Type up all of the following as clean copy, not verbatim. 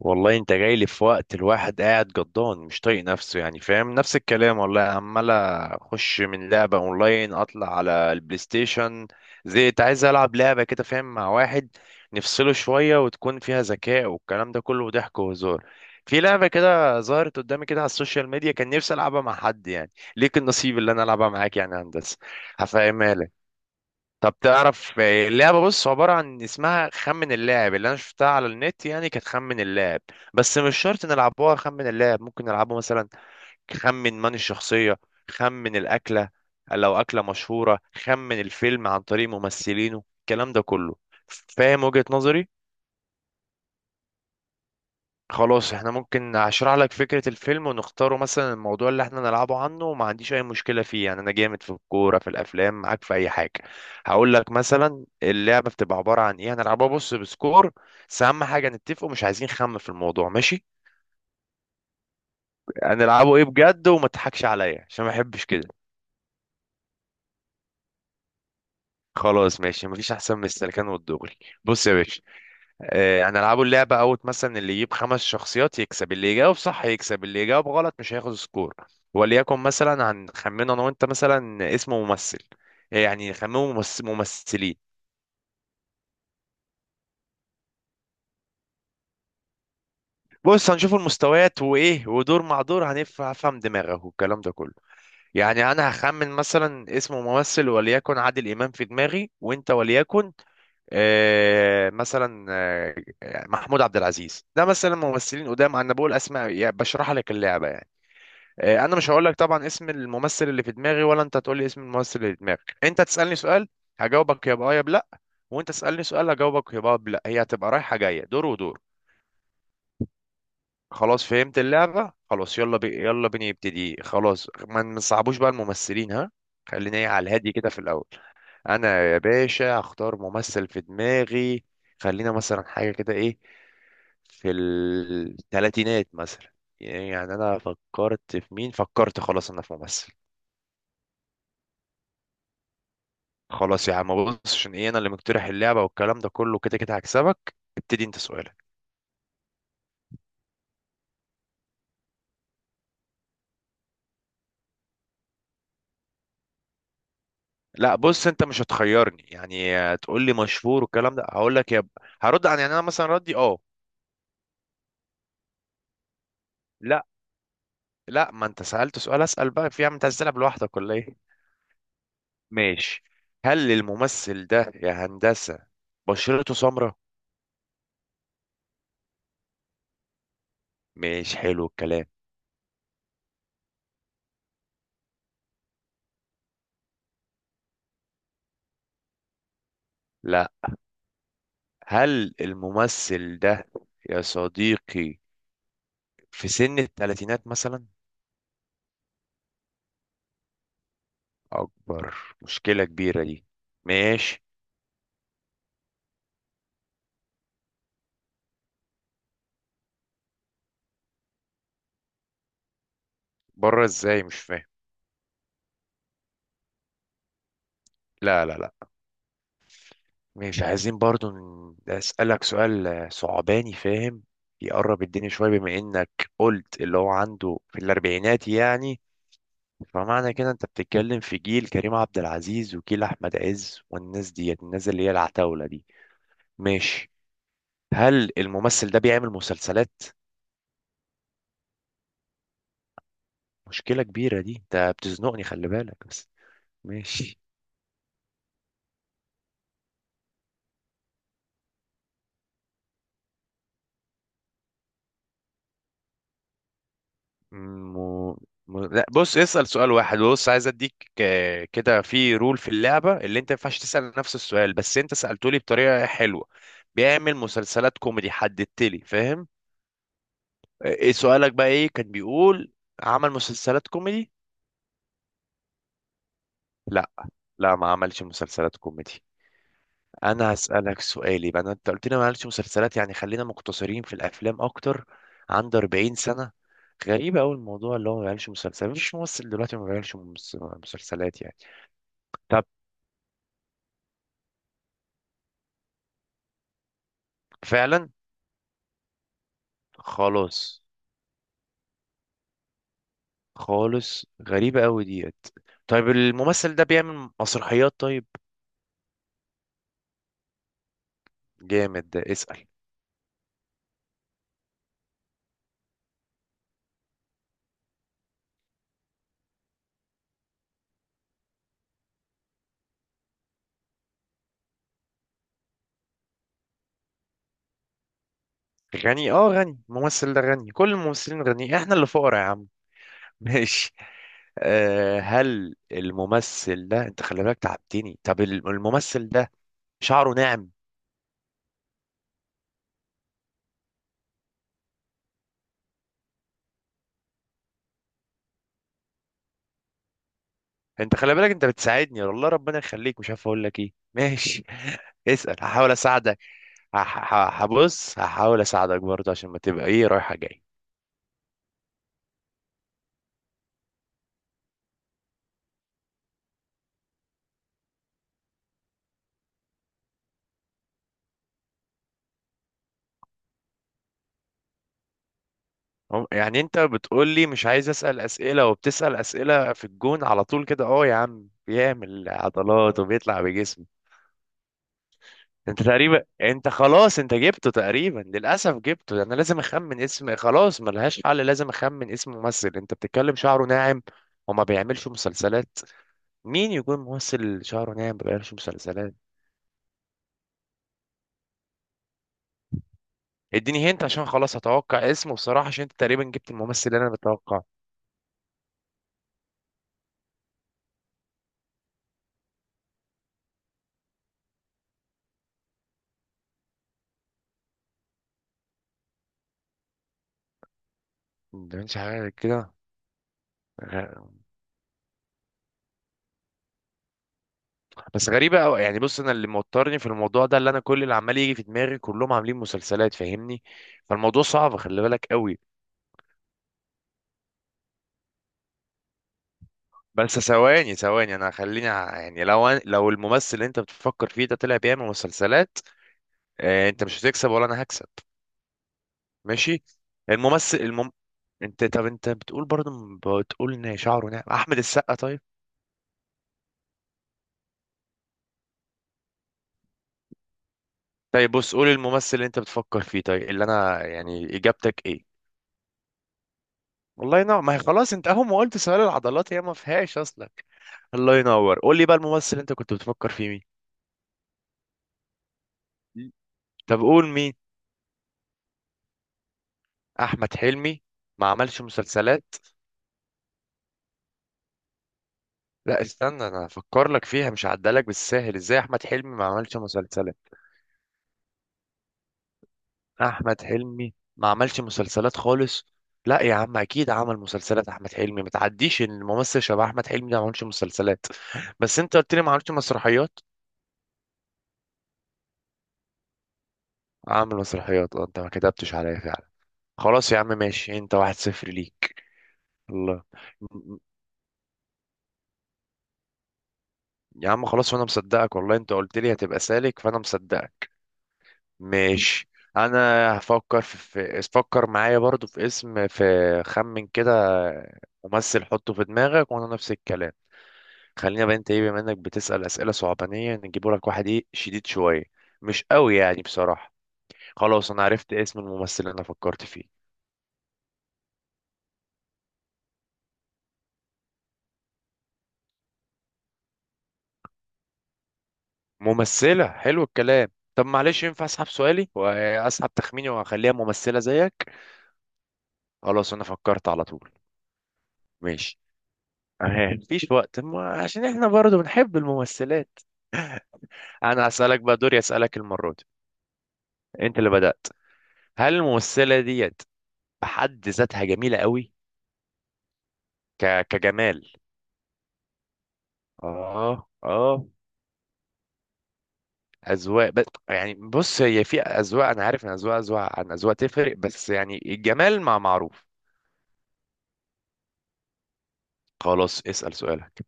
والله انت جاي لي في وقت الواحد قاعد جضان مش طايق نفسه، يعني فاهم نفس الكلام. والله عمال اخش من لعبة اونلاين اطلع على البلاي ستيشن. زهقت، عايز العب لعبة كده فاهم، مع واحد نفصله شوية وتكون فيها ذكاء والكلام ده كله ضحك وهزار. في لعبة كده ظهرت قدامي كده على السوشيال ميديا كان نفسي العبها مع حد يعني. ليك النصيب اللي انا العبها معاك يعني يا هندسة. هفهمها لك. طب تعرف، اللعبة بص عبارة عن اسمها خمن اللاعب. اللي انا شفتها على النت يعني كانت خمن اللاعب، بس مش شرط نلعبوها خمن اللاعب، ممكن نلعبه مثلا خمن من الشخصية، خمن الأكلة لو أكلة مشهورة، خمن الفيلم عن طريق ممثلينه، الكلام ده كله. فاهم وجهة نظري؟ خلاص، احنا ممكن اشرح لك فكرة الفيلم ونختاره مثلا، الموضوع اللي احنا نلعبه عنه، وما عنديش اي مشكلة فيه، يعني انا جامد في الكورة في الافلام معاك في اي حاجة. هقول لك مثلا اللعبة بتبقى عبارة عن ايه، هنلعبها بص بسكور، بس اهم حاجة نتفقوا مش عايزين خم في الموضوع ماشي. هنلعبه ايه بجد، وما تضحكش عليا عشان ما احبش كده. خلاص ماشي، مفيش احسن من السلكان والدغري. بص يا باشا، هنلعبوا اللعبة أوت مثلا، اللي يجيب خمس شخصيات يكسب، اللي يجاوب صح يكسب، اللي يجاوب غلط مش هياخد سكور. وليكن مثلا هنخمن أنا وأنت مثلا اسم ممثل. يعني نخمنه ممثلين. بص هنشوف المستويات وإيه ودور مع دور، هفهم دماغك والكلام ده كله. يعني أنا هخمن مثلا اسم ممثل وليكن عادل إمام في دماغي، وأنت وليكن مثلا محمود عبد العزيز، ده مثلا ممثلين قدام. أنا بقول أسماء يعني بشرح لك اللعبة يعني. انا مش هقول لك طبعا اسم الممثل اللي في دماغي، ولا انت تقول لي اسم الممثل اللي في دماغك. انت تسالني سؤال هجاوبك يا باه يا بلا، وانت تسالني سؤال هجاوبك يا باه يا بلا. هي هتبقى رايحه جايه دور ودور. خلاص فهمت اللعبه، خلاص يلا يلا بينا يبتدي. خلاص ما نصعبوش بقى الممثلين ها. خلينا ايه على الهادي كده في الاول. انا يا باشا هختار ممثل في دماغي. خلينا مثلا حاجه كده ايه، في الثلاثينات مثلا. يعني انا فكرت في مين، فكرت خلاص انا في ممثل. خلاص يا عم، بص عشان ايه انا اللي مقترح اللعبه والكلام ده كله، كده كده هكسبك، ابتدي انت سؤالك. لا بص انت مش هتخيرني، يعني تقول لي مشهور والكلام ده هقول لك هرد عن يعني انا مثلا ردي اه. لا لا ما انت سالت سؤال، اسال بقى في يا عم، انت عايز تلعب لوحدك ولا ايه؟ ماشي. هل الممثل ده يا هندسه بشرته سمراء؟ مش حلو الكلام. لا. هل الممثل ده يا صديقي في سن الثلاثينات مثلا؟ اكبر؟ مشكلة كبيرة دي. ماشي. بره ازاي مش فاهم. لا لا لا. مش عايزين برضو اسألك سؤال صعباني فاهم. يقرب الدنيا شوية، بما انك قلت اللي هو عنده في الاربعينات يعني، فمعنى كده انت بتتكلم في جيل كريم عبد العزيز وجيل احمد عز والناس ديت، الناس اللي هي العتاولة دي. ماشي. هل الممثل ده بيعمل مسلسلات؟ مشكلة كبيرة دي، انت بتزنقني خلي بالك بس. ماشي. م... لا بص اسأل سؤال واحد، بص عايز اديك كده في رول في اللعبة، اللي انت ما ينفعش تسأل نفس السؤال، بس انت سألته لي بطريقة حلوة. بيعمل مسلسلات كوميدي، حددت لي فاهم. ايه سؤالك بقى، ايه كان بيقول؟ عمل مسلسلات كوميدي؟ لا لا، ما عملش مسلسلات كوميدي. انا هسألك سؤالي بقى، انت قلت لي ما عملش مسلسلات، يعني خلينا مقتصرين في الافلام اكتر. عنده 40 سنة. غريبة أوي الموضوع، اللي هو ما بيعملش مسلسلات، مفيش ممثل دلوقتي ما بيعملش مسلسلات يعني. طب فعلا. خلاص. خالص، غريبة قوي ديت. طيب الممثل ده بيعمل مسرحيات؟ طيب جامد ده، اسأل. غني اه، غني الممثل ده غني، كل الممثلين غني، احنا اللي فقراء يا عم. ماشي. هل الممثل ده، انت خلي بالك تعبتني، طب الممثل ده شعره ناعم؟ انت خلي بالك انت بتساعدني والله، ربنا يخليك مش عارف اقول لك ايه. ماشي اسأل هحاول اساعدك. هبص هحاول اساعدك برضه، عشان ما تبقى ايه رايحة جاي. يعني انت بتقول لي مش عايز اسال اسئله، وبتسال اسئله في الجون على طول كده. اه يا عم بيعمل عضلات وبيطلع بجسمه. انت تقريبا، انت خلاص انت جبته تقريبا، للاسف جبته. انا لازم اخمن اسم، خلاص ملهاش حل لازم اخمن اسم ممثل، انت بتتكلم شعره ناعم وما بيعملش مسلسلات. مين يكون ممثل شعره ناعم ما بيعملش مسلسلات؟ اديني هنت عشان خلاص اتوقع اسمه بصراحه، عشان انت تقريبا جبت الممثل اللي انا بتوقعه. ما بيعملش حاجه كده. بس غريبة أوي يعني، بص أنا اللي موترني في الموضوع ده، اللي أنا كل اللي عمال يجي في دماغي كلهم عاملين مسلسلات فاهمني، فالموضوع صعب خلي بالك أوي. بس ثواني ثواني، أنا خليني يعني لو أنا، لو الممثل اللي أنت بتفكر فيه ده طلع بيعمل مسلسلات، أنت مش هتكسب ولا أنا هكسب. ماشي. الممثل أنت، طب أنت بتقول برضه، بتقول إن شعره ناعم. أحمد السقا طيب؟ طيب بص قول الممثل اللي أنت بتفكر فيه، طيب اللي أنا يعني، إجابتك إيه؟ والله نعم، ما هي خلاص، أنت أهو ما قلت سؤال العضلات، هي ما فيهاش أصلا. الله ينور، قول لي بقى الممثل اللي انت كنت بتفكر فيه مين؟ طب قول مين. احمد حلمي؟ ما عملش مسلسلات؟ لا استنى، انا هفكر لك فيها، مش هعدلك بالساهل، ازاي احمد حلمي ما عملش مسلسلات؟ احمد حلمي ما عملش مسلسلات خالص؟ لا يا عم اكيد عمل مسلسلات احمد حلمي، ما تعديش ان الممثل شبه احمد حلمي ده ما عملش مسلسلات. بس انت قلت لي ما عملش مسرحيات. عامل مسرحيات، اه انت ما كتبتش عليا فعلا. خلاص يا عم ماشي، انت 1-0 ليك. الله. يا عم خلاص وانا مصدقك والله، انت قلت لي هتبقى سالك فانا مصدقك. ماشي. انا هفكر في فكر معايا برضو في اسم في، خمن كده ممثل حطه في دماغك وانا نفس الكلام. خلينا بقى انت ايه، بما انك بتسأل اسئلة صعبانية نجيبه لك واحد ايه شديد شوية، مش قوي يعني بصراحة. خلاص انا عرفت اسم الممثل اللي انا فكرت فيه. ممثلة؟ حلو الكلام. طب معلش ينفع اسحب سؤالي واسحب تخميني واخليها ممثلة زيك؟ خلاص انا فكرت على طول. ماشي. اه مفيش وقت ما، عشان احنا برضو بنحب الممثلات. انا هسألك بقى، دوري اسألك المرة دي، انت اللي بدأت. هل الممثلة ديت بحد ذاتها جميلة قوي؟ كجمال. اه اه، اذواق بس يعني، بص هي في اذواق، انا عارف ان اذواق اذواق عن اذواق تفرق، بس يعني الجمال مع معروف. خلاص اسأل سؤالك.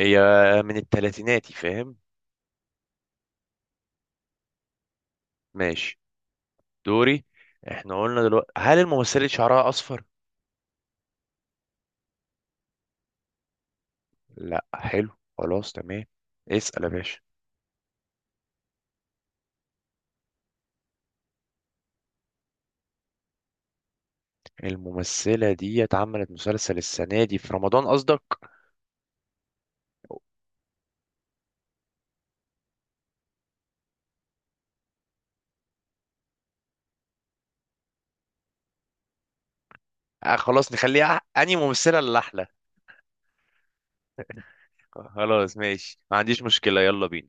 هي من التلاتيناتي فاهم. ماشي. دوري، احنا قلنا دلوقتي، هل الممثلة دي شعرها اصفر؟ لا حلو، خلاص تمام، اسأل يا باشا. الممثلة دي اتعملت مسلسل السنة دي في رمضان قصدك؟ آه خلاص نخليها أنهي ممثلة اللي أحلى. خلاص ماشي، ما عنديش مشكلة، يلا بينا.